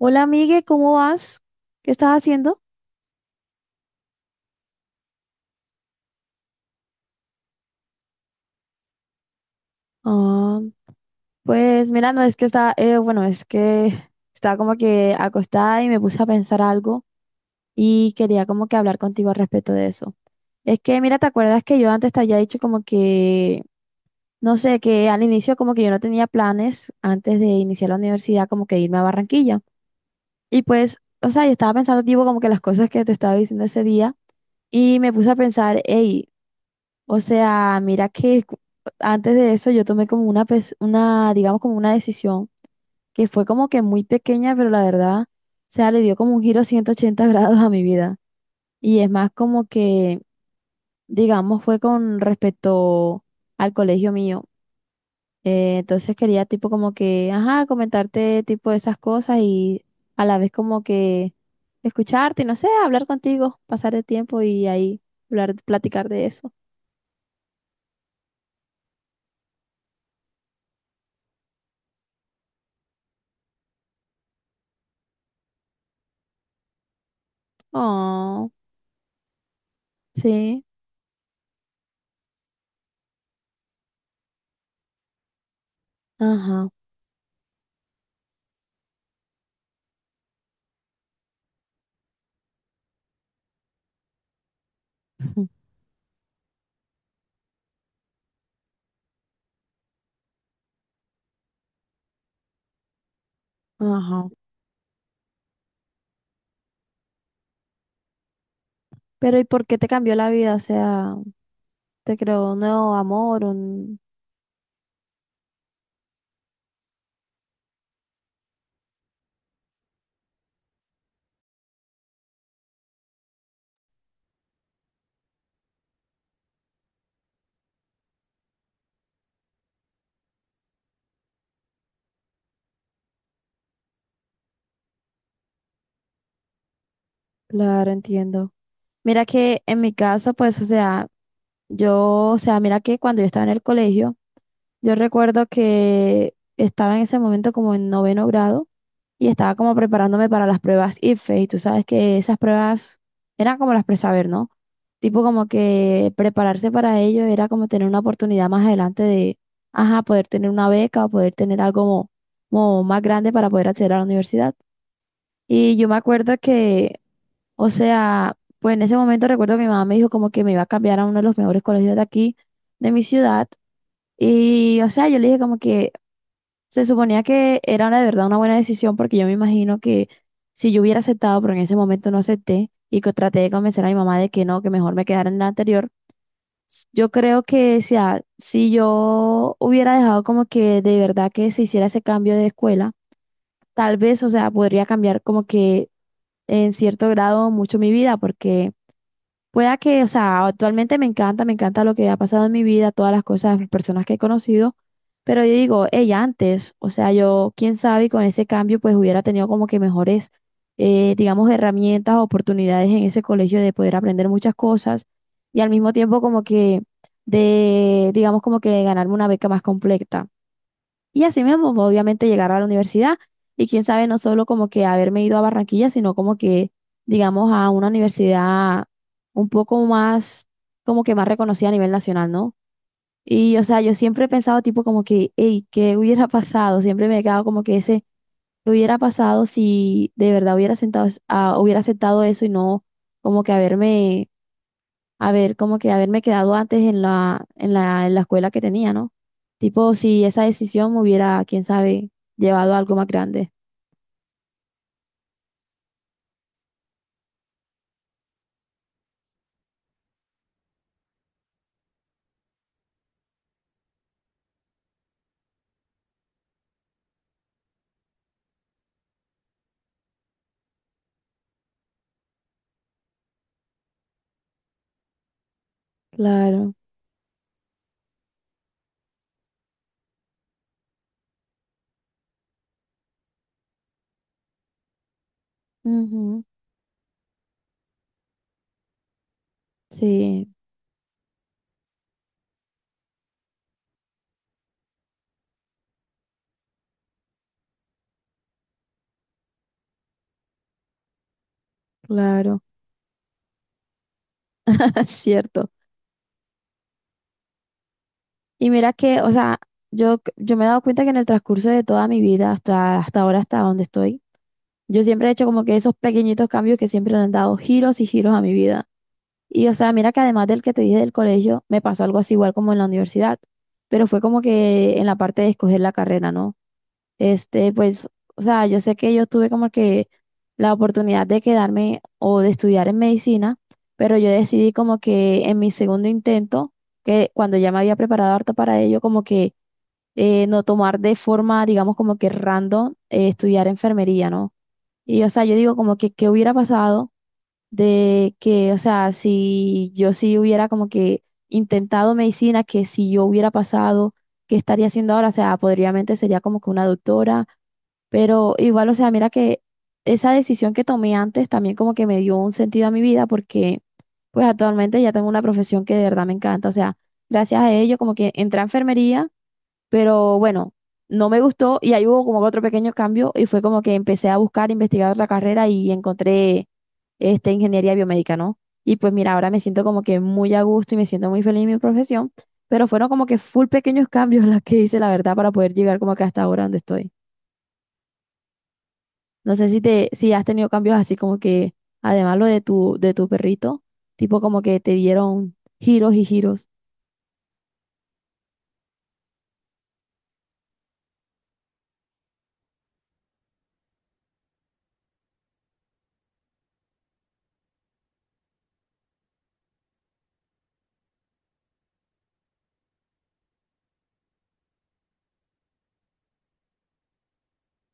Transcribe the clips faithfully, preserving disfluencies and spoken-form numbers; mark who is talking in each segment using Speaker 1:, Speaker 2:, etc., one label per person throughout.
Speaker 1: Hola, amigue, ¿cómo vas? ¿Qué estás haciendo? Ah, pues mira, no es que está, eh, bueno, es que estaba como que acostada y me puse a pensar algo y quería como que hablar contigo al respecto de eso. Es que mira, ¿te acuerdas que yo antes te había dicho como que, no sé, que al inicio como que yo no tenía planes antes de iniciar la universidad como que irme a Barranquilla? Y pues, o sea, yo estaba pensando tipo como que las cosas que te estaba diciendo ese día y me puse a pensar, hey, o sea, mira que cu- antes de eso yo tomé como una, pes- una, digamos como una decisión que fue como que muy pequeña, pero la verdad, o sea, le dio como un giro ciento ochenta grados a mi vida. Y es más como que, digamos, fue con respecto al colegio mío. Eh, entonces quería tipo como que, ajá, comentarte tipo esas cosas y a la vez como que escucharte y no sé, hablar contigo, pasar el tiempo y ahí hablar, platicar de eso. Oh, sí, ajá. Ajá. Pero ¿y por qué te cambió la vida? O sea, te creó un nuevo amor, un... Claro, entiendo. Mira que en mi caso, pues, o sea, yo, o sea, mira que cuando yo estaba en el colegio, yo recuerdo que estaba en ese momento como en noveno grado y estaba como preparándome para las pruebas I F E y tú sabes que esas pruebas eran como las presaber, ¿no? Tipo como que prepararse para ello era como tener una oportunidad más adelante de, ajá, poder tener una beca o poder tener algo mo- mo- más grande para poder acceder a la universidad. Y yo me acuerdo que, o sea, pues en ese momento recuerdo que mi mamá me dijo como que me iba a cambiar a uno de los mejores colegios de aquí, de mi ciudad. Y, o sea, yo le dije como que se suponía que era una- de verdad una buena decisión porque yo me imagino que si yo hubiera aceptado, pero en ese momento no acepté y que traté de convencer a mi mamá de que no, que mejor me quedara en la anterior, yo creo que si, a- si yo hubiera dejado como que de verdad que se hiciera ese cambio de escuela, tal vez, o sea, podría cambiar como que en cierto grado mucho mi vida porque... Pueda que, o sea, actualmente me encanta, me encanta lo que ha pasado en mi vida, todas las cosas, las personas que he conocido, pero yo digo, ella antes, o sea, yo, quién sabe, y con ese cambio, pues hubiera tenido como que mejores, eh, digamos, herramientas, oportunidades en ese colegio de poder aprender muchas cosas y al mismo tiempo como que de, digamos, como que ganarme una beca más completa. Y así mismo, pues, obviamente, llegar a la universidad y quién sabe, no solo como que haberme ido a Barranquilla, sino como que, digamos, a una universidad un poco más, como que más reconocida a nivel nacional, ¿no? Y, o sea, yo siempre he pensado tipo como que, hey, ¿qué hubiera pasado? Siempre me he quedado como que ese, ¿qué hubiera pasado si de verdad hubiera sentado, es- ah, hubiera aceptado eso y no como que haberme haber como que haberme quedado antes en la, en la, en la escuela que tenía, ¿no? Tipo, si esa decisión me hubiera, quién sabe, llevado a algo más grande. Claro. Ujú. Sí, claro. Es cierto. Y mira que, o sea, yo, c- yo me he dado cuenta que en el transcurso de toda mi vida, hasta, hasta ahora, hasta donde estoy, yo siempre he hecho como que esos pequeñitos cambios que siempre le han dado giros y giros a mi vida. Y, o sea, mira que además del que te dije del colegio, me pasó algo así igual como en la universidad, pero fue como que en la parte de escoger la carrera, ¿no? Este, pues, o sea, yo sé que yo tuve como que la oportunidad de quedarme o de estudiar en medicina, pero yo decidí como que en mi segundo intento, que cuando ya me había preparado harto para ello, como que eh, no tomar de forma, digamos, como que random eh, estudiar enfermería, ¿no? Y, o sea, yo digo como que, ¿qué hubiera pasado de que, o sea, si yo sí hubiera como que intentado medicina, que si yo hubiera pasado, ¿qué estaría haciendo ahora? O sea, podríamente sería como que una doctora, pero igual, o sea, mira que esa decisión que tomé antes también como que me dio un sentido a mi vida porque pues actualmente ya tengo una profesión que de verdad me encanta. O sea, gracias a ello como que entré a enfermería, pero bueno, no me gustó y ahí hubo como que otro pequeño cambio y fue como que empecé a buscar, investigar otra carrera y encontré este, ingeniería biomédica, ¿no? Y pues mira, ahora me siento como que muy a gusto y me siento muy feliz en mi profesión, pero fueron como que full pequeños cambios los que hice, la verdad, para poder llegar como que hasta ahora donde estoy. No sé si te, si has tenido cambios así como que, además lo de tu, de tu perrito, tipo como que te dieron giros y giros.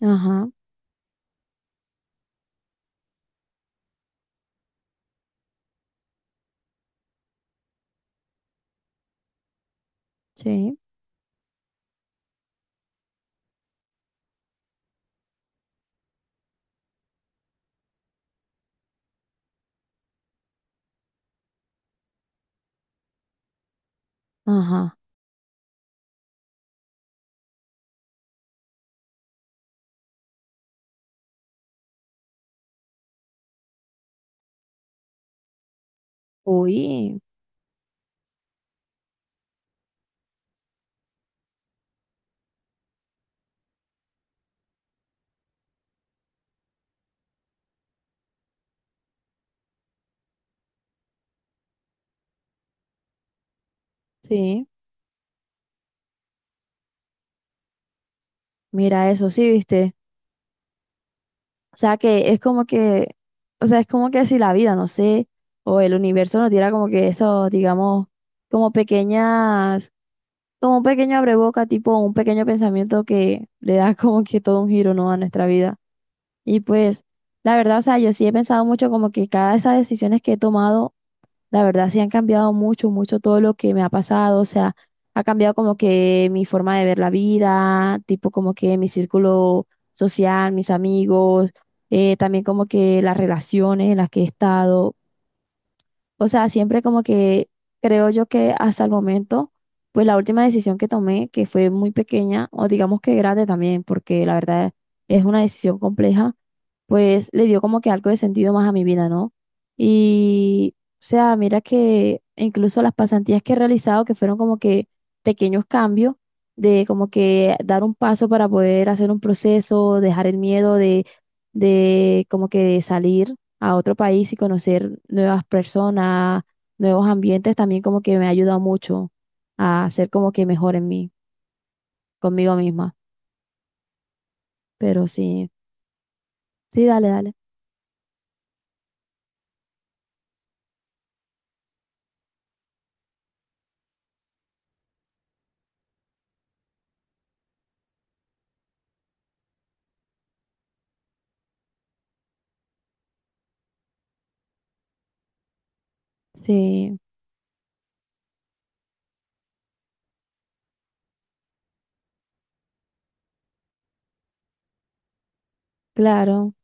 Speaker 1: Ajá, sí, ajá. Uy, sí. Mira eso, sí, viste. O sea que es como que, o sea, es como que si la vida, no sé, o el universo nos diera como que eso, digamos, como pequeñas, como un pequeño abreboca, tipo un pequeño pensamiento que le da como que todo un giro, ¿no?, a nuestra vida. Y pues, la verdad, o sea, yo sí he pensado mucho como que cada de esas decisiones que he tomado, la verdad sí han cambiado mucho, mucho todo lo que me ha pasado, o sea, ha cambiado como que mi forma de ver la vida, tipo como que mi círculo social, mis amigos, eh, también como que las relaciones en las que he estado. O sea, siempre como que creo yo que hasta el momento, pues la última decisión que tomé, que fue muy pequeña, o digamos que grande también, porque la verdad es una decisión compleja, pues le dio como que algo de sentido más a mi vida, ¿no? Y, o sea, mira que incluso las pasantías que he realizado, que fueron como que pequeños cambios, de como que dar un paso para poder hacer un proceso, dejar el miedo de, de como que salir a otro país y conocer nuevas personas, nuevos ambientes, también como que me ha ayudado mucho a ser como que mejor en mí, conmigo misma. Pero sí, sí, dale, dale. Sí, claro.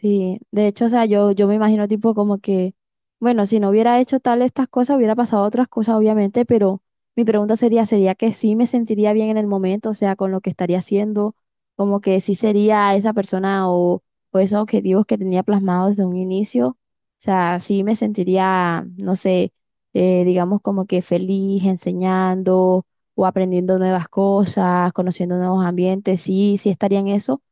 Speaker 1: Sí, de hecho, o sea, yo, yo me imagino tipo como que, bueno, si no hubiera hecho tal estas cosas, hubiera pasado otras cosas, obviamente, pero mi pregunta sería, ¿sería que sí me sentiría bien en el momento, o sea, con lo que estaría haciendo, como que sí sería esa persona o, o esos objetivos que tenía plasmados desde un inicio? O sea, sí me sentiría, no sé, eh, digamos como que feliz enseñando o aprendiendo nuevas cosas, conociendo nuevos ambientes, sí, sí estaría en eso.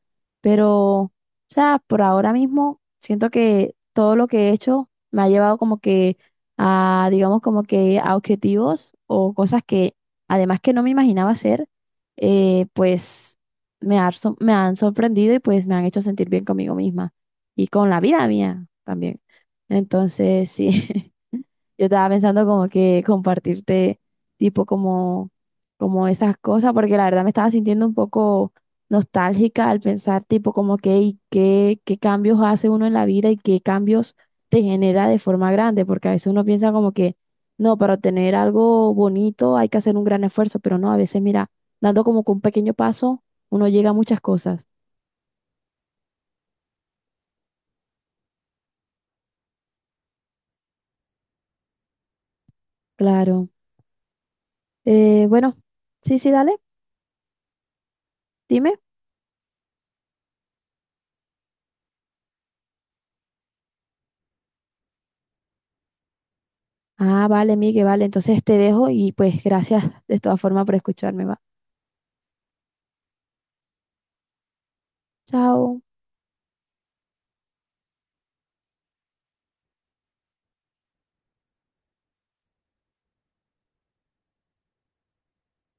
Speaker 1: Pero o sea, por ahora mismo siento que todo lo que he hecho me ha llevado como que a, digamos, como que a objetivos o cosas que además que no me imaginaba hacer, eh, pues me, ha sor- me han sorprendido y pues me han hecho sentir bien conmigo misma y con la vida mía también. Entonces, sí. Yo estaba pensando como que compartirte tipo como, como esas cosas, porque la verdad me estaba sintiendo un poco nostálgica al pensar tipo como que y qué, qué cambios hace uno en la vida y qué cambios te genera de forma grande, porque a veces uno piensa como que no, para obtener algo bonito hay que hacer un gran esfuerzo, pero no, a veces mira, dando como que un pequeño paso, uno llega a muchas cosas. Claro. Eh, bueno, sí, sí, dale, dime. Ah, vale, Miguel, vale. Entonces te dejo y pues gracias de todas formas por escucharme, va. Chao.